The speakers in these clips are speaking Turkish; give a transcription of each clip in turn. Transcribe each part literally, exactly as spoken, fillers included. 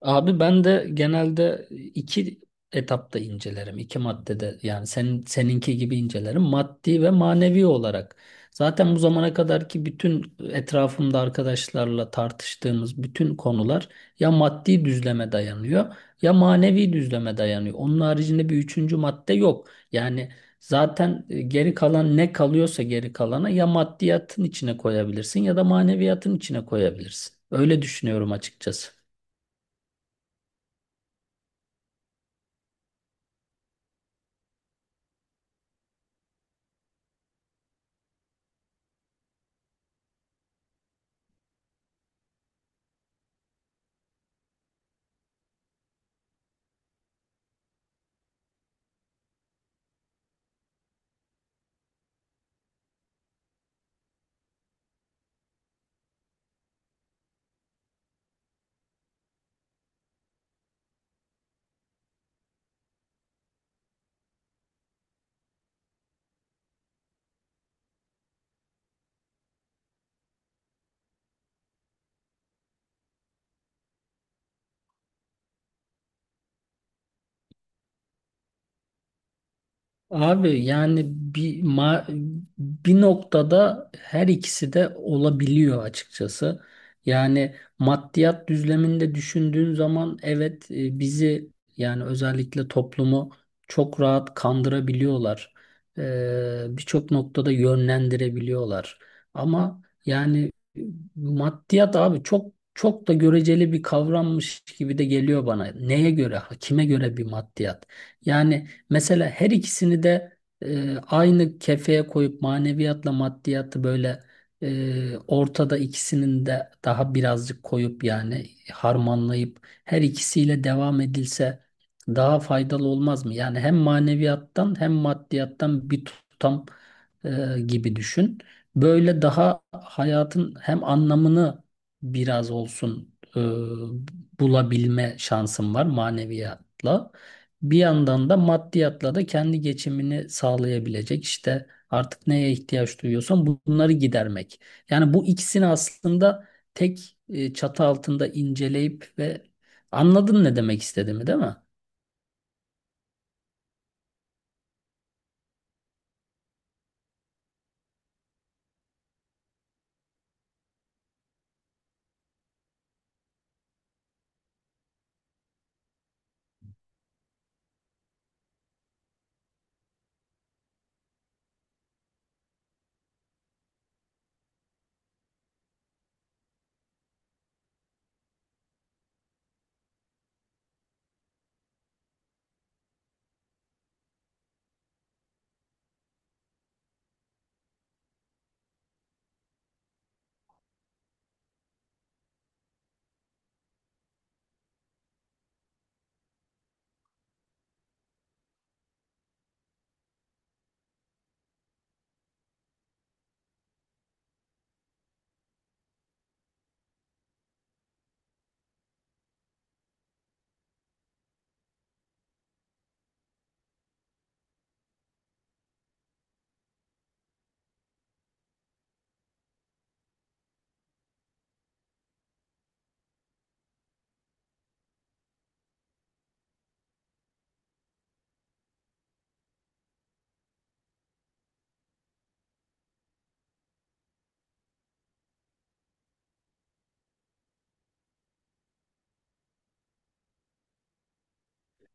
Abi ben de genelde iki etapta incelerim. İki maddede yani senin, seninki gibi incelerim. Maddi ve manevi olarak. Zaten bu zamana kadarki bütün etrafımda arkadaşlarla tartıştığımız bütün konular ya maddi düzleme dayanıyor ya manevi düzleme dayanıyor. Onun haricinde bir üçüncü madde yok. Yani zaten e, geri kalan ne kalıyorsa geri kalana ya maddiyatın içine koyabilirsin ya da maneviyatın içine koyabilirsin. Öyle düşünüyorum açıkçası. Abi yani bir ma- bir noktada her ikisi de olabiliyor açıkçası. Yani maddiyat düzleminde düşündüğün zaman evet, e, bizi yani özellikle toplumu çok rahat kandırabiliyorlar. Ee, birçok noktada yönlendirebiliyorlar. Ama yani e, maddiyat abi çok çok da göreceli bir kavrammış gibi de geliyor bana. Neye göre, kime göre bir maddiyat? Yani Mesela her ikisini de e, aynı kefeye koyup maneviyatla maddiyatı böyle e, ortada ikisinin de daha birazcık koyup yani harmanlayıp her ikisiyle devam edilse daha faydalı olmaz mı? Yani hem maneviyattan hem maddiyattan bir tutam e, gibi düşün. Böyle daha hayatın hem anlamını biraz olsun e, bulabilme şansın var maneviyatla. Bir yandan da maddiyatla da kendi geçimini sağlayabilecek işte artık neye ihtiyaç duyuyorsan bunları gidermek. Yani bu ikisini aslında tek e, çatı altında inceleyip ve anladın ne demek istediğimi, değil mi?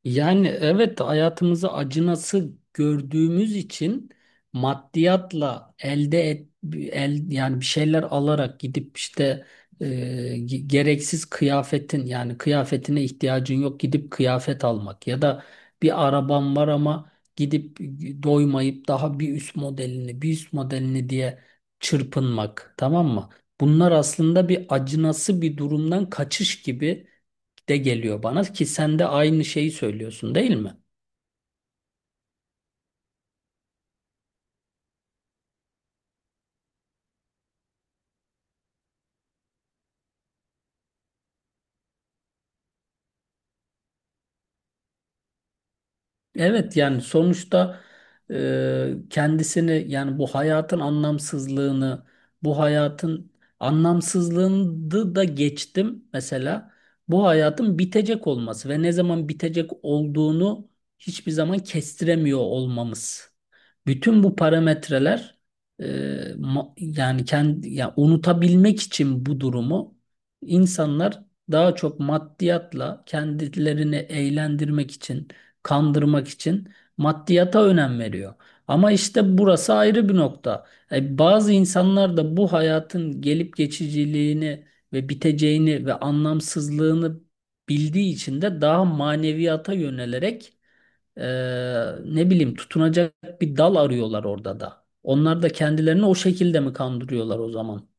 Yani evet, hayatımızı acınası gördüğümüz için maddiyatla elde et el yani bir şeyler alarak gidip işte e, ge- gereksiz kıyafetin yani kıyafetine ihtiyacın yok, gidip kıyafet almak ya da bir araban var ama gidip doymayıp daha bir üst modelini bir üst modelini diye çırpınmak, tamam mı? Bunlar aslında bir acınası bir durumdan kaçış gibi de geliyor bana ki sen de aynı şeyi söylüyorsun, değil mi? Evet, yani sonuçta e, kendisini yani bu hayatın anlamsızlığını bu hayatın anlamsızlığını da geçtim, mesela bu hayatın bitecek olması ve ne zaman bitecek olduğunu hiçbir zaman kestiremiyor olmamız. Bütün bu parametreler e, ma- yani kendi yani unutabilmek için bu durumu, insanlar daha çok maddiyatla kendilerini eğlendirmek için, kandırmak için maddiyata önem veriyor. Ama işte burası ayrı bir nokta. E, bazı insanlar da bu hayatın gelip geçiciliğini ve biteceğini ve anlamsızlığını bildiği için de daha maneviyata yönelerek e, ne bileyim tutunacak bir dal arıyorlar orada da. Onlar da kendilerini o şekilde mi kandırıyorlar o zaman?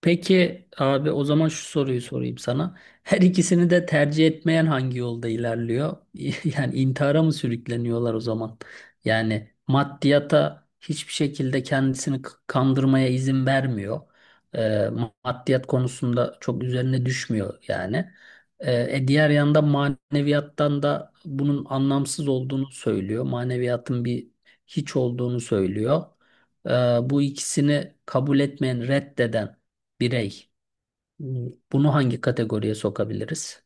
Peki abi o zaman şu soruyu sorayım sana. Her ikisini de tercih etmeyen hangi yolda ilerliyor? Yani intihara mı sürükleniyorlar o zaman? Yani maddiyata hiçbir şekilde kendisini k- kandırmaya izin vermiyor. Ee, Maddiyat konusunda çok üzerine düşmüyor yani. Ee, e, diğer yanda maneviyattan da bunun anlamsız olduğunu söylüyor. Maneviyatın bir hiç olduğunu söylüyor. Ee, Bu ikisini kabul etmeyen, reddeden birey. Bunu hangi kategoriye sokabiliriz?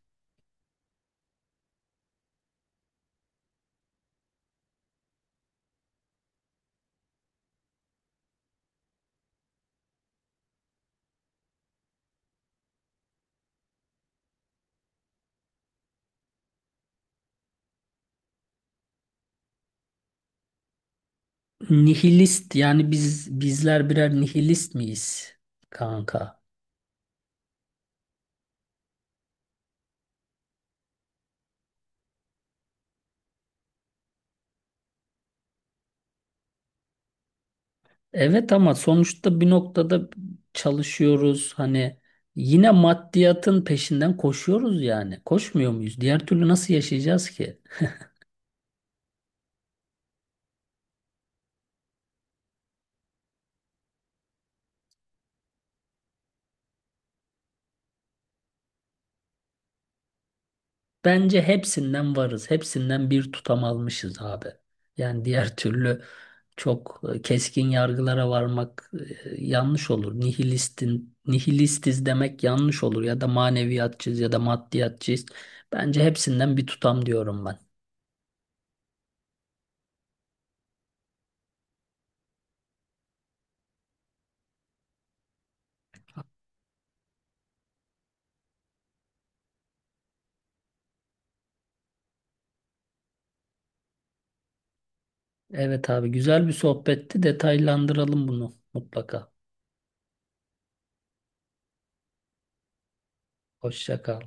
Nihilist yani biz bizler birer nihilist miyiz kanka? Evet ama sonuçta bir noktada çalışıyoruz. Hani yine maddiyatın peşinden koşuyoruz yani. Koşmuyor muyuz? Diğer türlü nasıl yaşayacağız ki? Bence hepsinden varız. Hepsinden bir tutam almışız abi. Yani diğer türlü çok e, keskin yargılara varmak e, yanlış olur. Nihilistin, nihilistiz demek yanlış olur. Ya da maneviyatçıyız ya da maddiyatçıyız. Bence hepsinden bir tutam diyorum ben. Evet abi, güzel bir sohbetti. Detaylandıralım bunu mutlaka. Hoşça kal.